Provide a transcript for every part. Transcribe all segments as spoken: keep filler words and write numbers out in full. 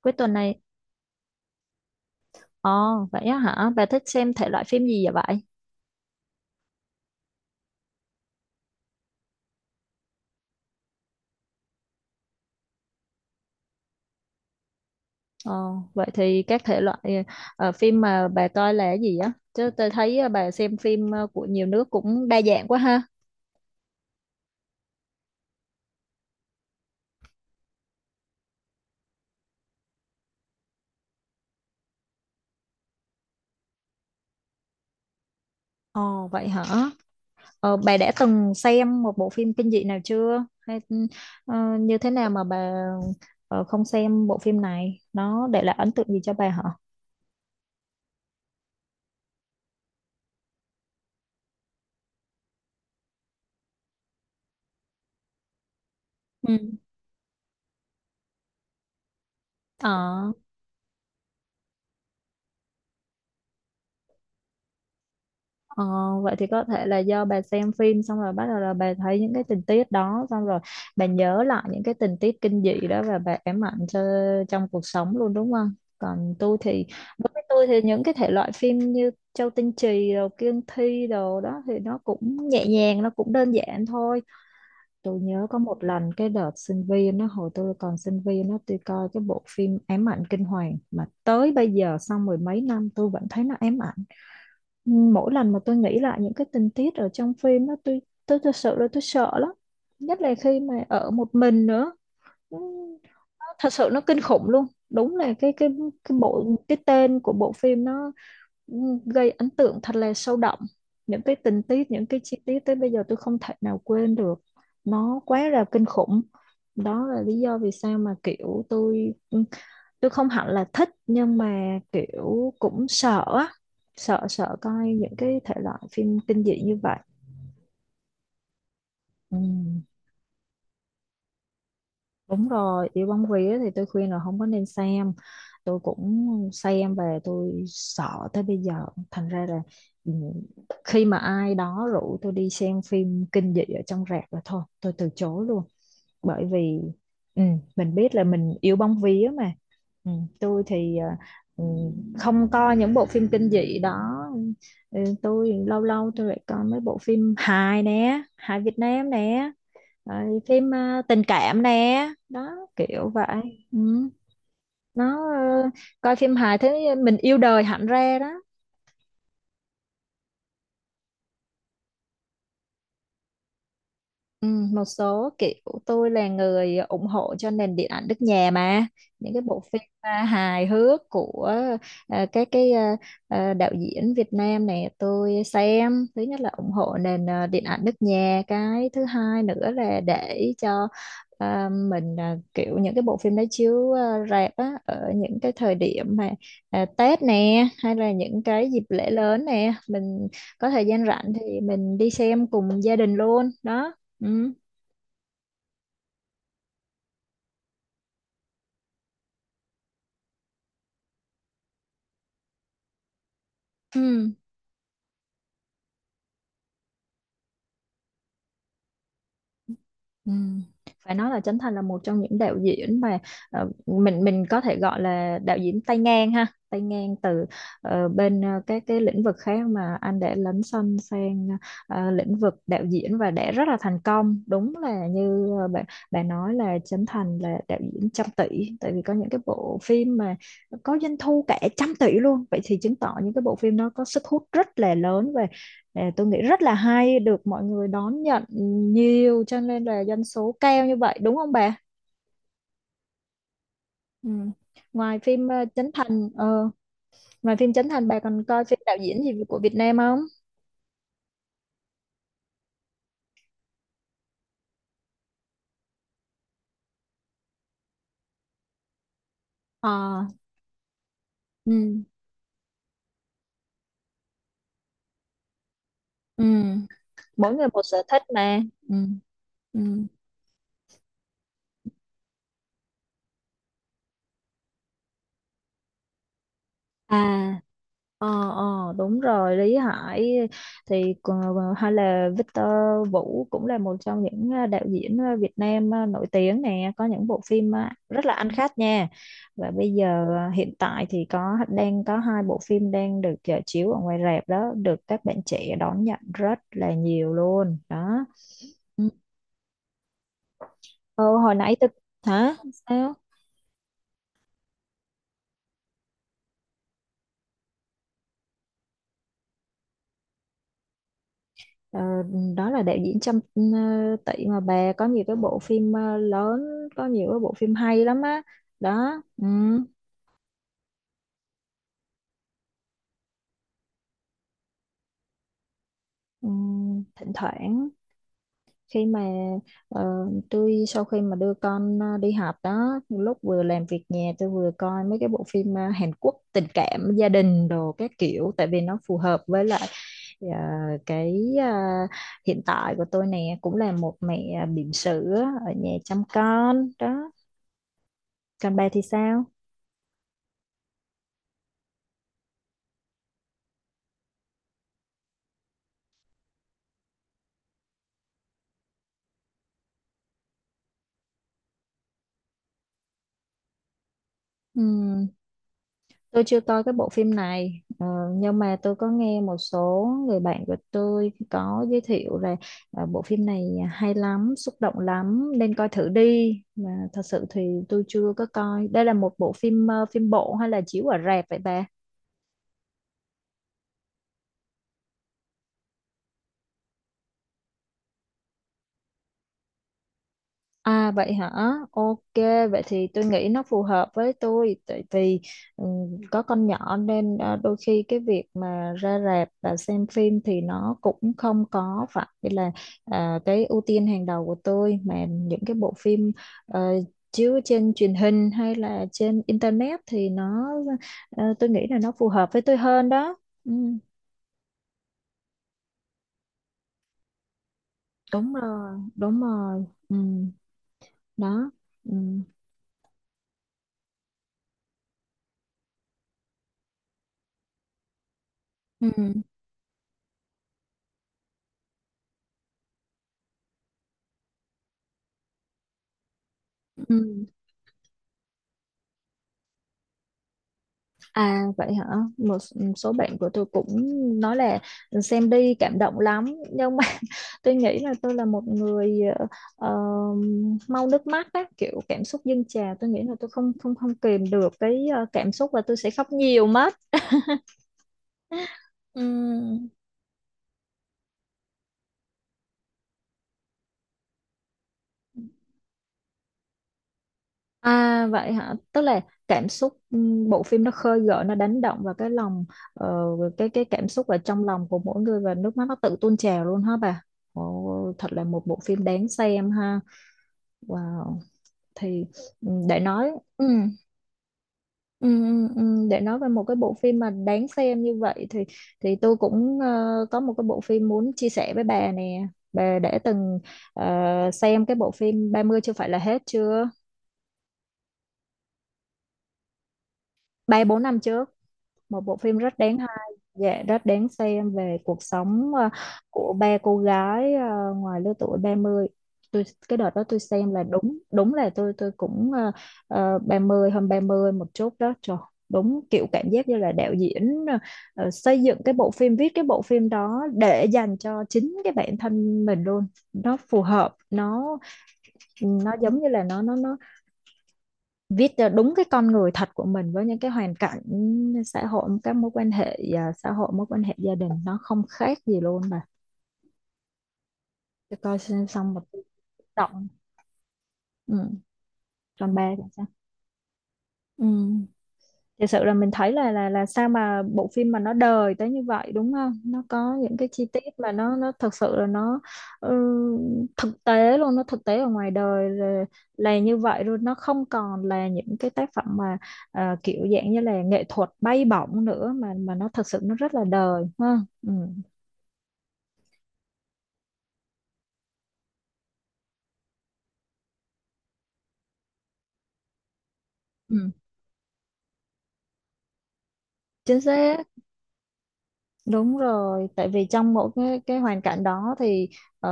Cuối tuần này, ồ vậy á hả? Bà thích xem thể loại phim gì vậy vậy? Ồ, vậy thì các thể loại ờ, phim mà bà coi là cái gì á? Chứ tôi thấy ờ, bà xem phim ờ, của nhiều nước cũng đa dạng quá ha. Ồ vậy hả? Ờ, bà đã từng xem một bộ phim kinh dị nào chưa? Hay ờ, như thế nào mà bà ờ, không xem bộ phim này? Nó để lại ấn tượng gì cho bà hả? Ừ. Ờ. Ờ, Vậy thì có thể là do bà xem phim xong rồi bắt đầu là bà thấy những cái tình tiết đó xong rồi bà nhớ lại những cái tình tiết kinh dị đó và bà ám ảnh cho trong cuộc sống luôn đúng không? Còn tôi thì Đối với tôi thì những cái thể loại phim như Châu Tinh Trì rồi Kiên Thi đồ đó thì nó cũng nhẹ nhàng nó cũng đơn giản thôi. Tôi nhớ có một lần cái đợt sinh viên nó hồi tôi còn sinh viên nó tôi coi cái bộ phim Ám ảnh kinh hoàng mà tới bây giờ sau mười mấy năm tôi vẫn thấy nó ám ảnh mỗi lần mà tôi nghĩ lại những cái tình tiết ở trong phim đó tôi tôi thật sự là tôi sợ lắm nhất là khi mà ở một mình nữa. Ừ, thật sự nó kinh khủng luôn đúng là cái cái cái bộ cái tên của bộ phim nó ừ, gây ấn tượng thật là sâu đậm những cái tình tiết những cái chi tiết tới bây giờ tôi không thể nào quên được nó quá là kinh khủng. Đó là lý do vì sao mà kiểu tôi ừ, tôi không hẳn là thích nhưng mà kiểu cũng sợ á. Sợ sợ coi những cái thể loại phim kinh dị như vậy ừ. Đúng rồi, yêu bóng vía thì tôi khuyên là không có nên xem. Tôi cũng xem về tôi sợ tới bây giờ. Thành ra là ừ, khi mà ai đó rủ tôi đi xem phim kinh dị ở trong rạp là thôi, tôi từ chối luôn. Bởi vì ừ, mình biết là mình yêu bóng vía mà. Ừ, tôi thì ờ, ừ, không coi những bộ phim kinh dị đó. Ừ, tôi lâu lâu tôi lại coi mấy bộ phim hài nè, hài Việt Nam nè. Rồi, phim ờ, tình cảm nè đó kiểu vậy ừ. Nó ờ, coi phim hài thế mình yêu đời hẳn ra đó. Ừ, một số kiểu tôi là người ủng hộ cho nền điện ảnh nước nhà mà những cái bộ phim à, hài hước của à, các cái à, à, đạo diễn Việt Nam này tôi xem thứ nhất là ủng hộ nền à, điện ảnh nước nhà cái thứ hai nữa là để cho à, mình à, kiểu những cái bộ phim đó chiếu à, rạp á, ở những cái thời điểm mà à, Tết nè hay là những cái dịp lễ lớn nè mình có thời gian rảnh thì mình đi xem cùng gia đình luôn đó. Ừ. Ừ. Ừ. Phải nói là Trấn Thành là một trong những đạo diễn mà ờ, mình mình có thể gọi là đạo diễn tay ngang ha, tay ngang từ ờ, bên ờ, các cái lĩnh vực khác mà anh đã lấn sân sang ờ, lĩnh vực đạo diễn và đã rất là thành công. Đúng là như ờ, bạn bạn nói là Trấn Thành là đạo diễn trăm tỷ, tại vì có những cái bộ phim mà có doanh thu cả trăm tỷ luôn. Vậy thì chứng tỏ những cái bộ phim đó có sức hút rất là lớn. Ờ, tôi nghĩ rất là hay được mọi người đón nhận nhiều cho nên là doanh số cao như vậy đúng không bà? Ừ. Ngoài phim ờ, Trấn Thành ờ, ngoài phim Chấn Thành bà còn coi phim đạo diễn gì của Việt Nam không? Ờ ừ. Ừ. Mỗi người một sở thích mà. Ừ. Ừ. À. Ờ, ờ, đúng rồi Lý Hải thì còn- hay là Victor Vũ cũng là một trong những ờ, đạo diễn ờ, Việt Nam ờ, nổi tiếng nè có những bộ phim ờ, rất là ăn khách nha và bây giờ ờ, hiện tại thì có đang có hai bộ phim đang được ờ, chiếu ở ngoài rạp đó được các bạn trẻ đón nhận rất là nhiều luôn đó ừ, Ờ, hồi nãy tôi hả sao. Ờ, đó là đạo diễn Trâm ờ, Tị mà bà có nhiều cái bộ phim ờ, lớn có nhiều cái bộ phim hay lắm á đó ừ. Ừ. Thỉnh thoảng khi mà ờ, tôi sau khi mà đưa con ờ, đi học đó lúc vừa làm việc nhà tôi vừa coi mấy cái bộ phim ờ, Hàn Quốc tình cảm gia đình đồ các kiểu tại vì nó phù hợp với lại ờ, cái ờ, hiện tại của tôi nè cũng là một mẹ bỉm sữa ở nhà chăm con đó. Còn bà thì sao? Ừ. Tôi chưa coi cái bộ phim này ờ, nhưng mà tôi có nghe một số người bạn của tôi có giới thiệu là ờ, bộ phim này hay lắm, xúc động lắm nên coi thử đi. Mà thật sự thì tôi chưa có coi. Đây là một bộ phim ờ, phim bộ hay là chiếu ở rạp vậy bà? À vậy hả? Ok, vậy thì tôi nghĩ nó phù hợp với tôi tại vì ừm, có con nhỏ nên à, đôi khi cái việc mà ra rạp và xem phim thì nó cũng không có phải là à, cái ưu tiên hàng đầu của tôi mà những cái bộ phim ờ, chiếu trên truyền hình hay là trên internet thì nó ờ, tôi nghĩ là nó phù hợp với tôi hơn đó. Ừ, đúng rồi, đúng rồi. Ừ, đó. Ừ. Ừ. Ừ. À vậy hả? Một s- số bạn của tôi cũng nói là xem đi cảm động lắm nhưng mà tôi nghĩ là tôi là một người ờ, mau nước mắt á, kiểu cảm xúc dâng trào, tôi nghĩ là tôi không không không kìm được cái ờ, cảm xúc và tôi sẽ khóc nhiều mất. Ừm. À vậy hả? Tức là cảm xúc ừm, bộ phim nó khơi gợi nó đánh động vào cái lòng ờ, cái cái cảm xúc ở trong lòng của mỗi người và nước mắt nó tự tuôn trào luôn hả bà? Ồ, thật là một bộ phim đáng xem ha. Wow. Thì ừ, để nói ừ, ừ, ừ, ừ, để nói về một cái bộ phim mà đáng xem như vậy thì thì tôi cũng ờ, có một cái bộ phim muốn chia sẻ với bà nè. Bà đã từng ờ, xem cái bộ phim ba mươi chưa phải là hết chưa? Ba bốn năm chưa? Một bộ phim rất đáng hay dạ rất đáng xem về cuộc sống ờ, của ba cô gái ờ, ngoài lứa tuổi ba mươi. Tôi cái đợt đó tôi xem là đúng đúng là tôi tôi cũng uh, ba mươi hơn ba mươi một chút đó trời. Đúng kiểu cảm giác như là đạo diễn ờ, ờ, xây dựng cái bộ phim viết cái bộ phim đó để dành cho chính cái bản thân mình luôn. Nó phù hợp nó nó giống như là nó nó nó viết cho đúng cái con người thật của mình với những cái hoàn cảnh xã hội các mối quan hệ à, xã hội mối quan hệ gia đình nó không khác gì luôn mà. Tôi coi xong một động ừ. Còn ba thì sao? Ừ. Thực sự là mình thấy là là là sao mà bộ phim mà nó đời tới như vậy đúng không? Nó có những cái chi tiết mà nó nó thật sự là nó ừ, thực tế luôn nó thực tế ở ngoài đời là, là như vậy luôn nó không còn là những cái tác phẩm mà à, kiểu dạng như là nghệ thuật bay bổng nữa mà mà nó thật sự nó rất là đời ha ừ. Ừ. Chính xác. Đúng rồi, tại vì trong mỗi cái cái hoàn cảnh đó thì ờ,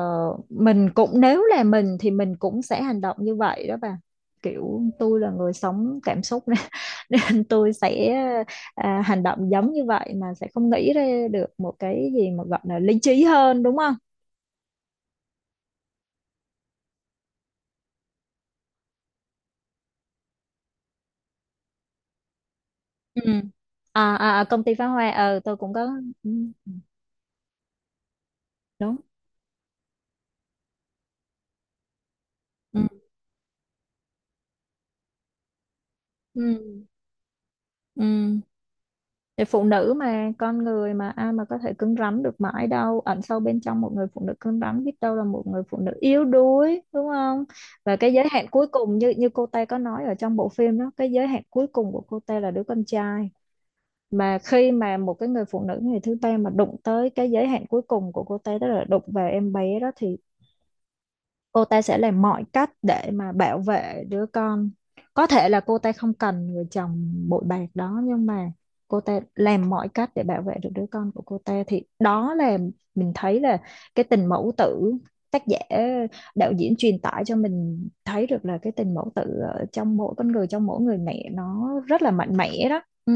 mình cũng nếu là mình thì mình cũng sẽ hành động như vậy đó bà. Kiểu tôi là người sống cảm xúc nên, nên tôi sẽ à, hành động giống như vậy mà sẽ không nghĩ ra được một cái gì mà gọi là lý trí hơn đúng không? Ừ. À, à à, công ty phá hoa ờ tôi cũng có ừ, đúng. Ừ. Ừ. Ừ. Thì phụ nữ mà con người mà ai mà có thể cứng rắn được mãi đâu ẩn sâu bên trong một người phụ nữ cứng rắn biết đâu là một người phụ nữ yếu đuối đúng không và cái giới hạn cuối cùng như như cô Tê có nói ở trong bộ phim đó cái giới hạn cuối cùng của cô Tê là đứa con trai mà khi mà một cái người phụ nữ người thứ ba mà đụng tới cái giới hạn cuối cùng của cô Tê đó là đụng vào em bé đó thì cô ta sẽ làm mọi cách để mà bảo vệ đứa con có thể là cô ta không cần người chồng bội bạc đó nhưng mà cô ta làm mọi cách để bảo vệ được đứa con của cô ta thì đó là mình thấy là cái tình mẫu tử tác giả đạo diễn truyền tải cho mình thấy được là cái tình mẫu tử ở trong mỗi con người trong mỗi người mẹ nó rất là mạnh mẽ đó ừ.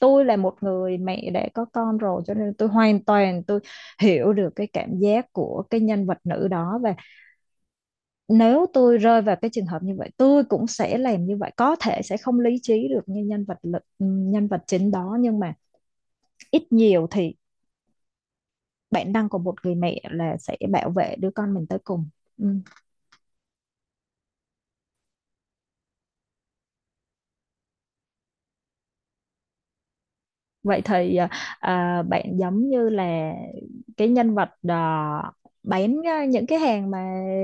Tôi là một người mẹ đã có con rồi cho nên tôi hoàn toàn tôi hiểu được cái cảm giác của cái nhân vật nữ đó và nếu tôi rơi vào cái trường hợp như vậy tôi cũng sẽ làm như vậy có thể sẽ không lý trí được như nhân vật lực ừ, nhân vật chính đó nhưng mà ít nhiều thì bản năng của một người mẹ là sẽ bảo vệ đứa con mình tới cùng ừ. Vậy thì à, à, bạn giống như là cái nhân vật à, bán à, những cái hàng mà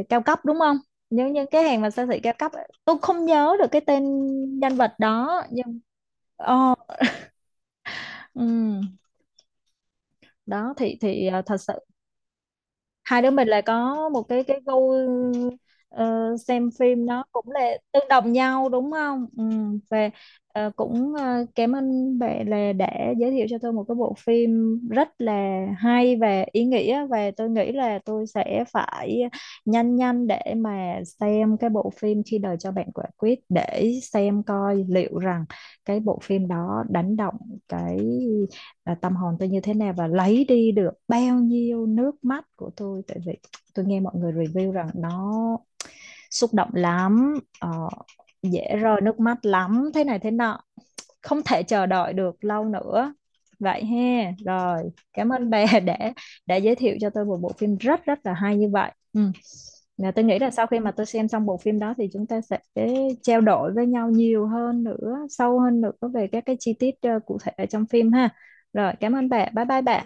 cao cấp đúng không những những cái hàng mà siêu thị cao cấp ấy. Tôi không nhớ được cái tên nhân vật đó nhưng Ồ, ừ. Đó thì thì à, thật sự hai đứa mình là có một cái cái gu ờ, xem phim nó cũng là tương đồng nhau đúng không ừ. Và ờ, cũng ờ, cảm ơn bạn là đã giới thiệu cho tôi một cái bộ phim rất là hay và ý nghĩa và tôi nghĩ là tôi sẽ phải nhanh nhanh để mà xem cái bộ phim khi đời cho bạn quả quýt để xem coi liệu rằng cái bộ phim đó đánh động cái à, tâm hồn tôi như thế nào và lấy đi được bao nhiêu nước mắt của tôi tại vì tôi nghe mọi người review rằng nó xúc động lắm ờ, dễ rơi nước mắt lắm thế này thế nọ không thể chờ đợi được lâu nữa vậy ha rồi cảm ơn bà đã đã giới thiệu cho tôi một bộ phim rất rất là hay như vậy ừ. Là tôi nghĩ là sau khi mà tôi xem xong bộ phim đó thì chúng ta sẽ trao đổi với nhau nhiều hơn nữa sâu hơn nữa về các cái chi tiết ờ, cụ thể ở trong phim ha rồi cảm ơn bà bye bye bà